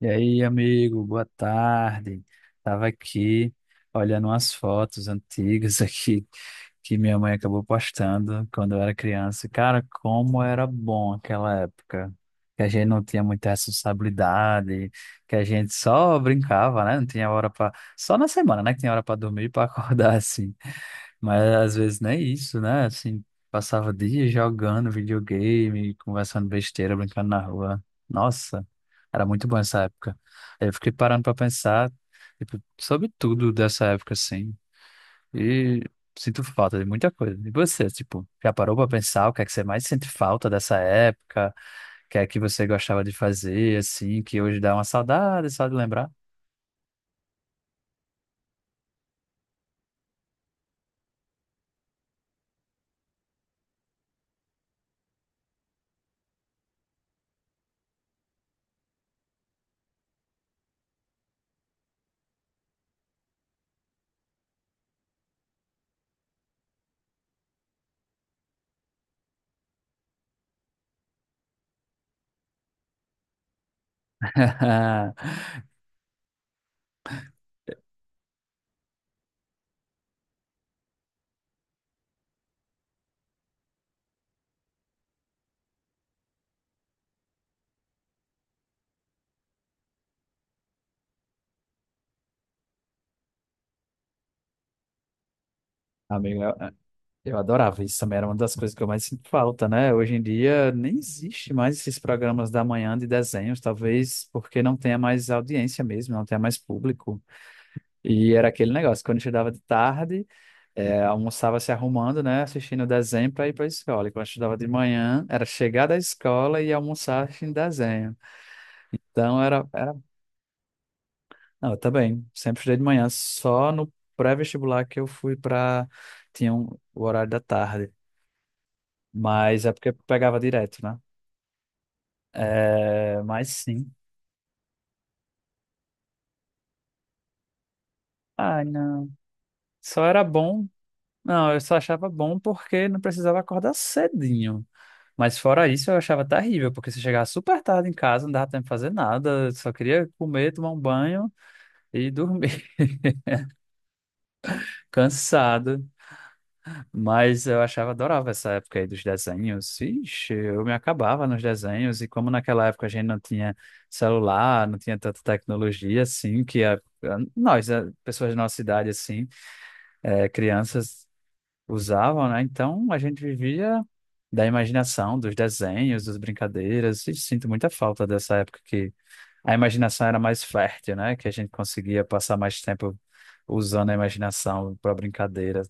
E aí, amigo, boa tarde. Tava aqui olhando umas fotos antigas aqui que minha mãe acabou postando quando eu era criança. Cara, como era bom aquela época, que a gente não tinha muita responsabilidade, que a gente só brincava, né? Não tinha hora para só na semana, né? Que tinha hora para dormir e para acordar assim. Mas às vezes nem isso, né? Assim, passava dias jogando videogame, conversando besteira, brincando na rua. Nossa, era muito bom essa época. Aí eu fiquei parando pra pensar, tipo, sobre tudo dessa época, assim. E sinto falta de muita coisa. E você, tipo, já parou pra pensar o que é que você mais sente falta dessa época? O que é que você gostava de fazer, assim, que hoje dá uma saudade só de lembrar? Amigo, eu adorava isso também, era uma das coisas que eu mais sinto falta, né? Hoje em dia nem existe mais esses programas da manhã de desenhos, talvez porque não tenha mais audiência mesmo, não tenha mais público. E era aquele negócio, quando eu estudava de tarde, é, almoçava se arrumando, né? Assistindo o desenho para ir para a escola. E quando eu estudava de manhã, era chegar da escola e almoçar assistindo desenho. Então era, era. Não, eu também, sempre estudei de manhã, só no pré-vestibular que eu fui para. Tinha um- o horário da tarde. Mas é porque pegava direto, né? É, mas sim. Ai, não. Só era bom. Não, eu só achava bom porque não precisava acordar cedinho. Mas fora isso, eu achava terrível, porque se chegava super tarde em casa, não dava tempo de fazer nada, só queria comer, tomar um banho e dormir, cansado. Mas eu achava, adorava essa época aí dos desenhos. Ixi, eu me acabava nos desenhos, e como naquela época a gente não tinha celular, não tinha tanta tecnologia assim, que nós, pessoas da nossa idade assim, é, crianças usavam, né? Então a gente vivia da imaginação, dos desenhos, das brincadeiras, e sinto muita falta dessa época que a imaginação era mais fértil, né? Que a gente conseguia passar mais tempo usando a imaginação para brincadeira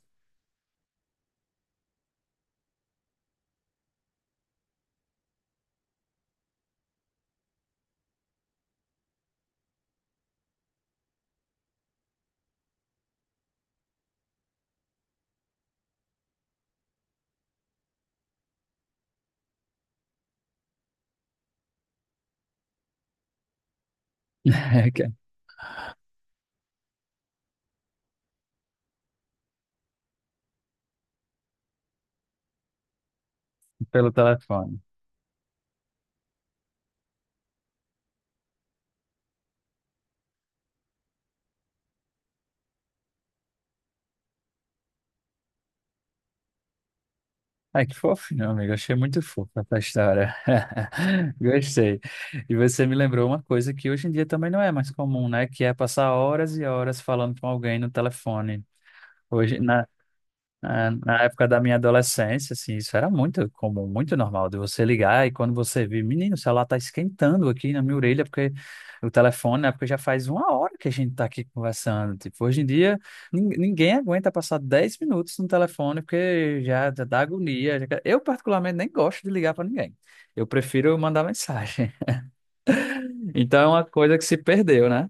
que- pelo telefone. Ai, que fofo, meu amigo. Achei muito fofo essa história. Gostei. E você me lembrou uma coisa que hoje em dia também não é mais comum, né? Que é passar horas e horas falando com alguém no telefone. Hoje, na, É, na época da minha adolescência, assim, isso era muito comum, muito normal de você ligar e quando você vê, menino, o celular tá esquentando aqui na minha orelha, porque o telefone, né, porque já faz uma hora que a gente tá aqui conversando. Tipo, hoje em dia, ninguém aguenta passar 10 minutos no telefone, porque já já dá agonia. Eu, particularmente, nem gosto de ligar para ninguém. Eu prefiro mandar mensagem. Então, é uma coisa que se perdeu, né?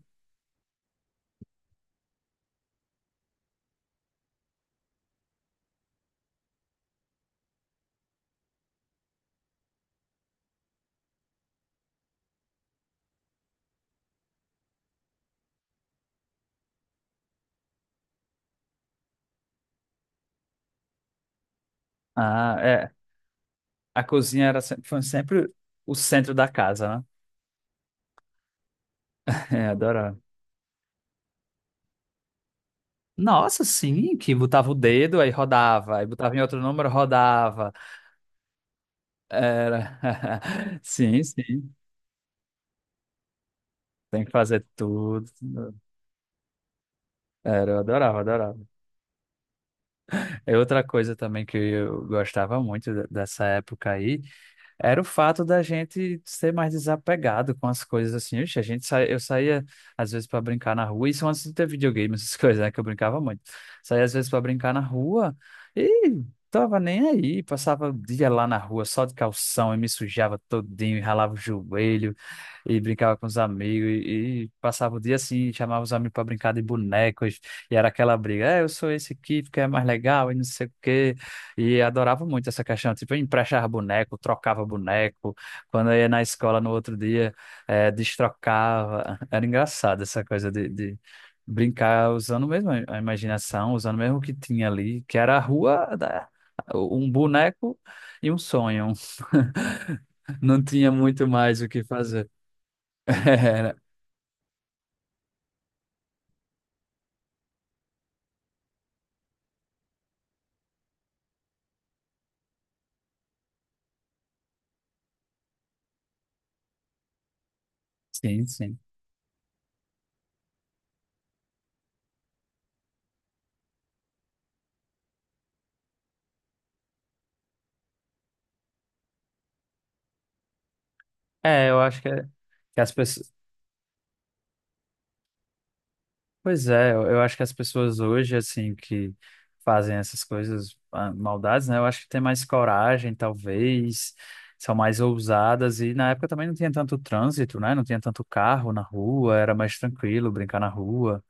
Ah, é. A cozinha era, foi sempre o centro da casa, né? É, adorava. Nossa, sim, que botava o dedo, aí rodava, aí botava em outro número, rodava. Era. Sim, sim, tem que fazer tudo. Era, eu adorava, adorava. É outra coisa também que eu gostava muito dessa época aí. Era o fato da gente ser mais desapegado com as coisas assim. Ixi, eu saía às vezes para brincar na rua, isso antes de ter videogame, essas coisas, né, que eu brincava muito. Saía às vezes para brincar na rua e tava nem aí, passava o dia lá na rua só de calção e me sujava todinho, e ralava o joelho e brincava com os amigos e passava o dia assim, e chamava os amigos para brincar de bonecos e era aquela briga, é, eu sou esse aqui porque é mais legal e não sei o quê. E adorava muito essa questão, tipo, eu emprestava boneco, trocava boneco, quando eu ia na escola no outro dia, destrocava. Era engraçado essa coisa de brincar usando mesmo a imaginação, usando mesmo o que tinha ali, que era a rua, um boneco e um sonho. Não tinha muito mais o que fazer. Era- Sim, sim. É, eu acho que, é, que as pessoas. Pois é, eu acho que as pessoas hoje, assim, que fazem essas coisas, ah, maldades, né? Eu acho que tem mais coragem, talvez, são mais ousadas. E na época também não tinha tanto trânsito, né? Não tinha tanto carro na rua, era mais tranquilo brincar na rua.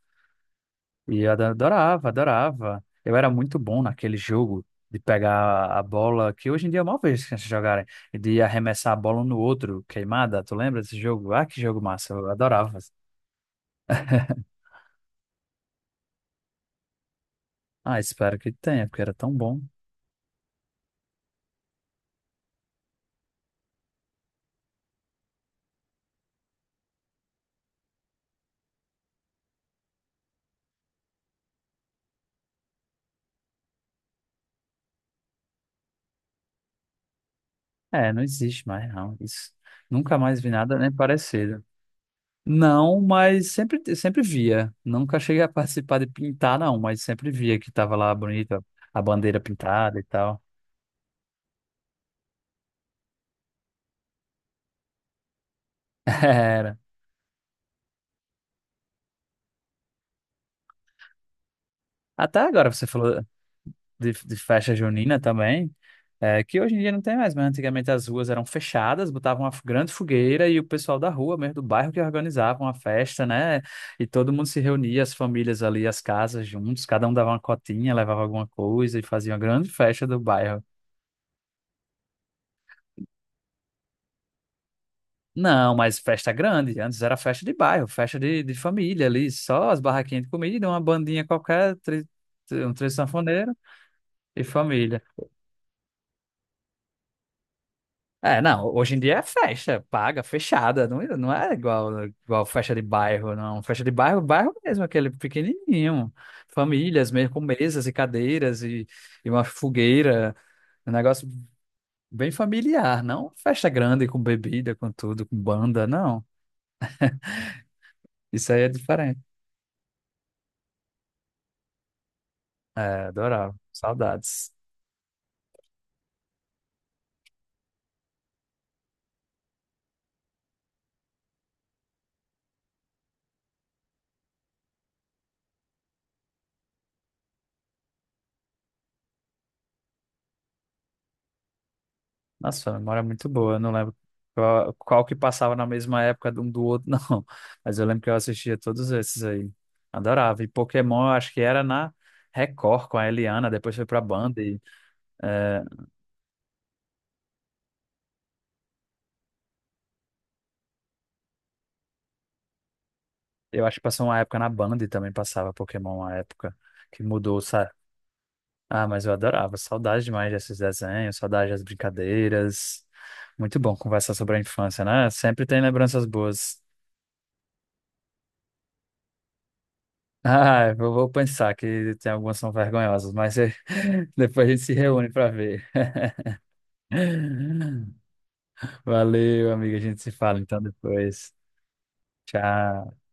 E eu adorava, adorava. Eu era muito bom naquele jogo de pegar a bola, que hoje em dia é mal vez que eles jogarem, e de arremessar a bola um no outro, queimada. Tu lembra desse jogo? Ah, que jogo massa, eu adorava. Ah, espero que tenha, porque era tão bom. É, não existe mais, não. Isso. Nunca mais vi nada nem parecido. Não, mas sempre, sempre via. Nunca cheguei a participar de pintar, não, mas sempre via que tava lá bonita a bandeira pintada e tal. Era. Até agora você falou, de festa junina também, é, que hoje em dia não tem mais, mas antigamente as ruas eram fechadas, botavam uma grande fogueira e o pessoal da rua, mesmo do bairro, que organizavam a festa, né? E todo mundo se reunia, as famílias ali, as casas juntos, cada um dava uma cotinha, levava alguma coisa e fazia uma grande festa do bairro. Não, mas festa grande. Antes era festa de bairro, festa de família ali, só as barraquinhas de comida, uma bandinha qualquer, um trio sanfoneiro e família. É, não, hoje em dia é festa, paga, fechada, não, não é igual, igual festa de bairro, não. Festa de bairro, bairro mesmo, aquele pequenininho, famílias mesmo, com mesas e cadeiras e uma fogueira, um negócio bem familiar, não festa grande com bebida, com tudo, com banda, não. Isso aí é diferente. É, adorava, saudades. Nossa, sua memória é muito boa. Eu não lembro qual que passava na mesma época de um do outro, não. Mas eu lembro que eu assistia todos esses aí. Adorava. E Pokémon, eu acho que era na Record com a Eliana, depois foi pra Band. E, é, eu acho que passou uma época na Band também passava Pokémon, uma época que mudou, sabe? Ah, mas eu adorava. Saudade demais desses desenhos, saudade das brincadeiras. Muito bom conversar sobre a infância, né? Sempre tem lembranças boas. Ah, eu vou pensar que tem algumas que são vergonhosas, mas depois a gente se reúne para ver. Valeu, amiga. A gente se fala então depois. Tchau.